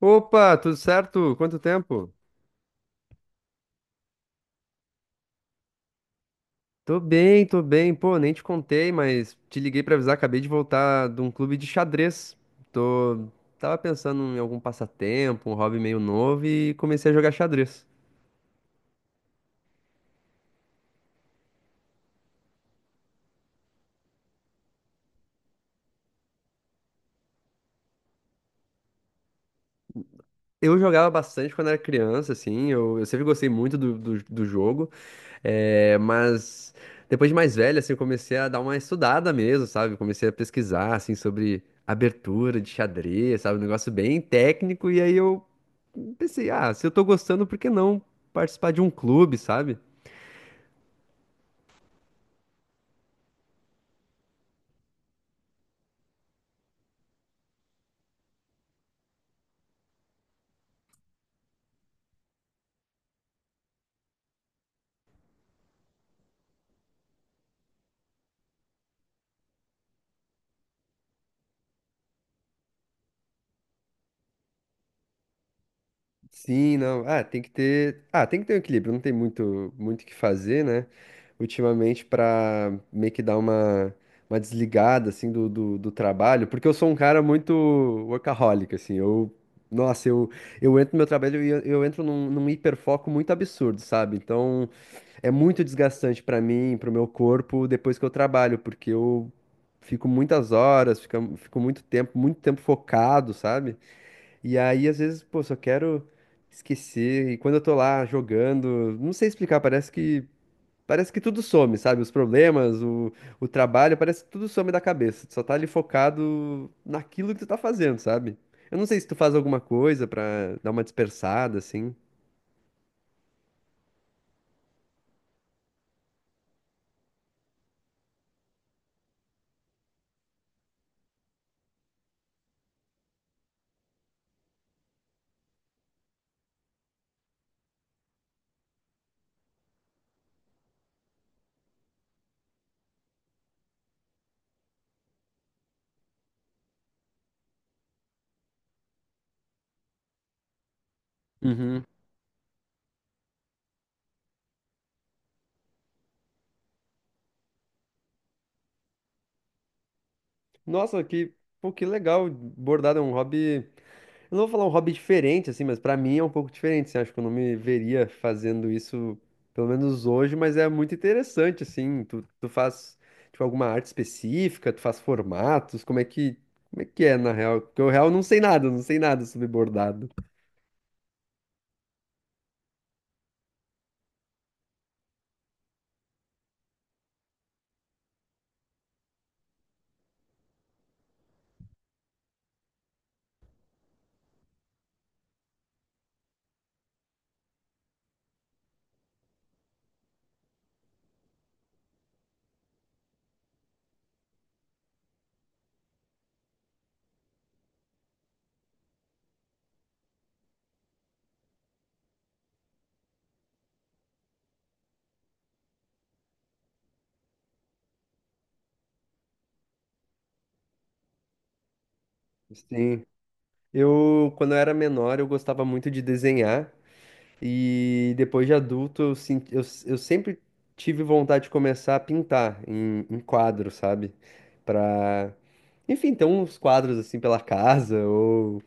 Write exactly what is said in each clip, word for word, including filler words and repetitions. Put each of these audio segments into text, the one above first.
Opa, tudo certo? Quanto tempo? Tô bem, tô bem. Pô, nem te contei, mas te liguei pra avisar, acabei de voltar de um clube de xadrez. Tô... Tava pensando em algum passatempo, um hobby meio novo e comecei a jogar xadrez. Eu jogava bastante quando era criança, assim, eu, eu sempre gostei muito do, do, do jogo. É, mas depois de mais velho, assim, eu comecei a dar uma estudada mesmo, sabe? Comecei a pesquisar, assim, sobre abertura de xadrez, sabe? Um negócio bem técnico. E aí eu pensei, ah, se eu tô gostando, por que não participar de um clube, sabe? Sim, não. Ah, tem que ter. Ah, tem que ter um equilíbrio. Não tem muito, muito o que fazer, né? Ultimamente, pra meio que dar uma, uma desligada, assim, do, do, do trabalho. Porque eu sou um cara muito workaholic, assim. Eu, nossa, eu, eu entro no meu trabalho e eu, eu entro num, num hiperfoco muito absurdo, sabe? Então, é muito desgastante pra mim, pro meu corpo, depois que eu trabalho. Porque eu fico muitas horas, fica, fico muito tempo, muito tempo focado, sabe? E aí, às vezes, pô, só quero esquecer. E quando eu tô lá jogando, não sei explicar, parece que parece que tudo some, sabe? Os problemas, o, o trabalho, parece que tudo some da cabeça. Tu só tá ali focado naquilo que tu tá fazendo, sabe? Eu não sei se tu faz alguma coisa pra dar uma dispersada, assim. Uhum. Nossa, que, pô, que legal. Bordado é um hobby. Eu não vou falar um hobby diferente, assim, mas pra mim é um pouco diferente, assim, acho que eu não me veria fazendo isso, pelo menos hoje, mas é muito interessante, assim, tu, tu faz, tipo, alguma arte específica, tu faz formatos, como é que, como é que é, na real? Porque eu, real, não sei nada, não sei nada sobre bordado. Sim, eu, quando eu era menor, eu gostava muito de desenhar. E depois de adulto, eu, sen- eu, eu sempre tive vontade de começar a pintar em, em quadro, sabe? Pra, enfim, ter uns quadros assim pela casa, ou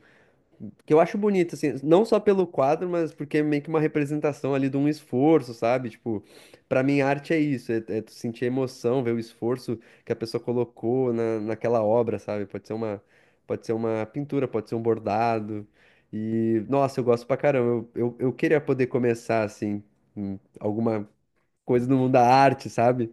que eu acho bonito, assim, não só pelo quadro, mas porque é meio que uma representação ali de um esforço, sabe? Tipo, pra mim, arte é isso, é, é tu sentir a emoção, ver o esforço que a pessoa colocou na, naquela obra, sabe? Pode ser uma, pode ser uma pintura, pode ser um bordado. E, nossa, eu gosto pra caramba. Eu, eu, eu queria poder começar, assim, em alguma coisa no mundo da arte, sabe?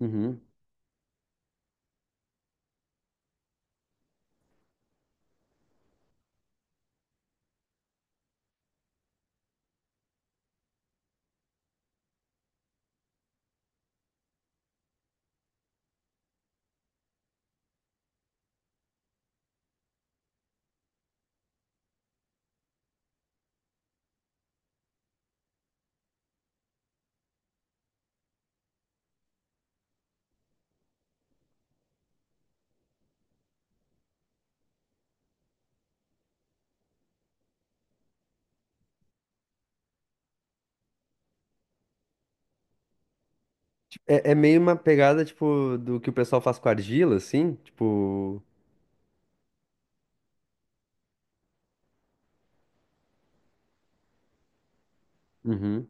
Uhum. É, é meio uma pegada, tipo, do que o pessoal faz com argila, assim, tipo. Uhum.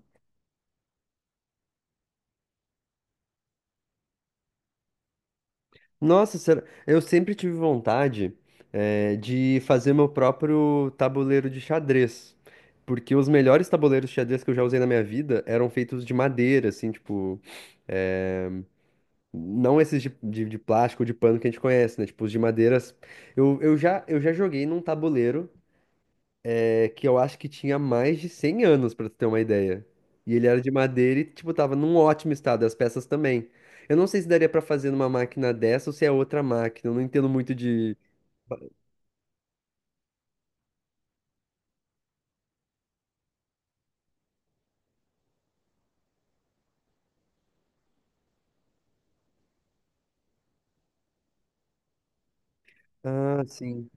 Nossa, será- eu sempre tive vontade, eh, de fazer meu próprio tabuleiro de xadrez. Porque os melhores tabuleiros de xadrez que eu já usei na minha vida eram feitos de madeira, assim, tipo. eh, não esses de, de, de plástico, de pano que a gente conhece, né? Tipo, os de madeiras. Eu, eu já, eu já joguei num tabuleiro, é que eu acho que tinha mais de cem anos, pra tu ter uma ideia. E ele era de madeira e, tipo, tava num ótimo estado, as peças também. Eu não sei se daria pra fazer numa máquina dessa ou se é outra máquina, eu não entendo muito de... Ah, sim.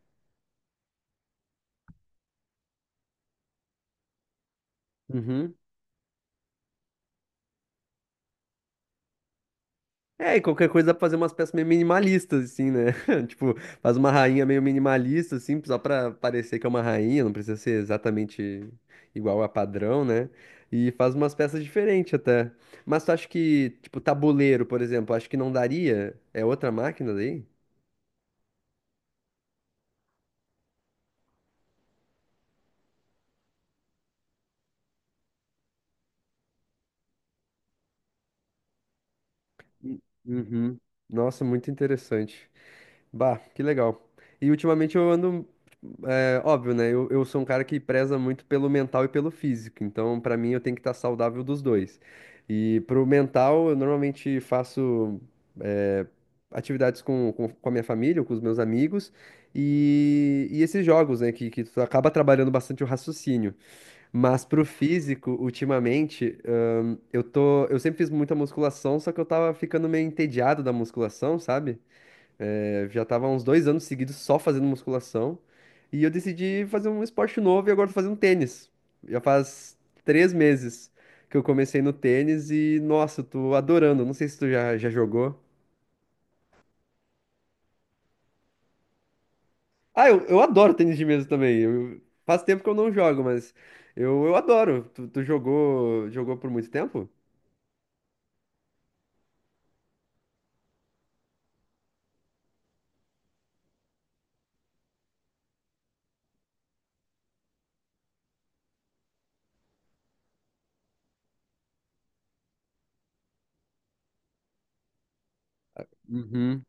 Uhum. É, e qualquer coisa dá pra fazer umas peças meio minimalistas, assim, né? Tipo, faz uma rainha meio minimalista, assim, só pra parecer que é uma rainha, não precisa ser exatamente igual a padrão, né? E faz umas peças diferentes até. Mas tu acha que, tipo, tabuleiro, por exemplo, acho que não daria? É outra máquina daí? Uhum. Nossa, muito interessante. Bah, que legal. E ultimamente eu ando É óbvio, né? Eu, eu sou um cara que preza muito pelo mental e pelo físico, então pra mim eu tenho que estar saudável dos dois. E pro mental, eu normalmente faço é, atividades com, com, com a minha família, ou com os meus amigos, e, e esses jogos, né? Que, que tu acaba trabalhando bastante o raciocínio. Mas pro físico, ultimamente, eu tô, eu sempre fiz muita musculação, só que eu tava ficando meio entediado da musculação, sabe? É, já tava há uns dois anos seguidos só fazendo musculação. E eu decidi fazer um esporte novo e agora tô fazendo tênis. Já faz três meses que eu comecei no tênis e, nossa, eu tô adorando. Não sei se tu já, já jogou. Ah, eu, eu adoro tênis de mesa também. Eu, faz tempo que eu não jogo, mas eu, eu adoro. Tu, tu jogou, jogou por muito tempo? Uhum.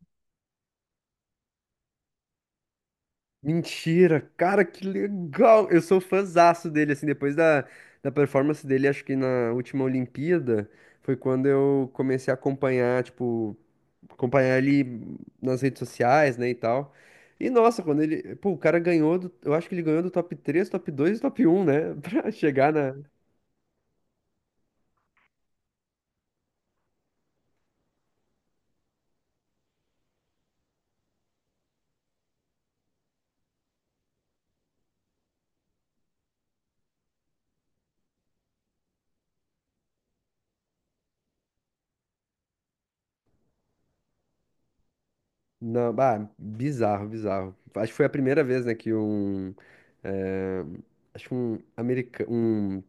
Mentira, cara, que legal! Eu sou fãzaço dele, assim, depois da, da performance dele, acho que na última Olimpíada, foi quando eu comecei a acompanhar, tipo, acompanhar ele nas redes sociais, né, e tal. E nossa, quando ele, pô, o cara ganhou, do, eu acho que ele ganhou do top três, top dois, e top um, né, pra chegar na, na, ah, bizarro, bizarro. Acho que foi a primeira vez, né, que um, eh, acho que um americano,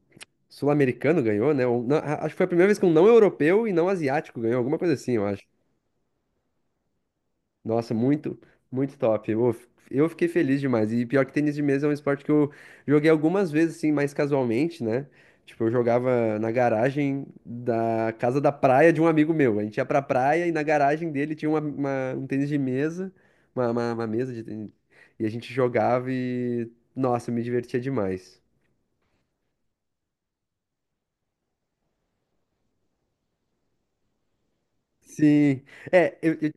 Sul-americano ganhou, né? Ou não- a- acho que foi a primeira vez que um não europeu e não asiático ganhou, alguma coisa assim, eu acho. Nossa, muito, muito top. Eu, eu fiquei feliz demais. E pior que tênis de mesa é um esporte que eu joguei algumas vezes, assim, mais casualmente, né? Tipo, eu jogava na garagem da casa da praia de um amigo meu. A gente ia pra praia e na garagem dele tinha uma, uma- um tênis de mesa, uma, uma, uma mesa de tênis. E a gente jogava e, nossa, eu me divertia demais. Sim. É, eu, eu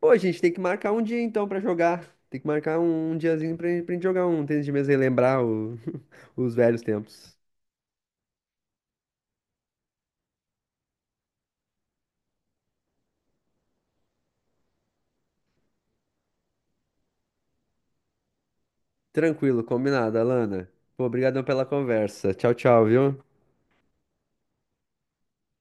Pô, a gente tem que marcar um dia então pra jogar. Tem que marcar um, um diazinho pra, gente- pra gente jogar um tênis de mesa e lembrar o- os velhos tempos. Tranquilo, combinado, Alana. Pô, obrigadão pela conversa. Tchau, tchau, viu?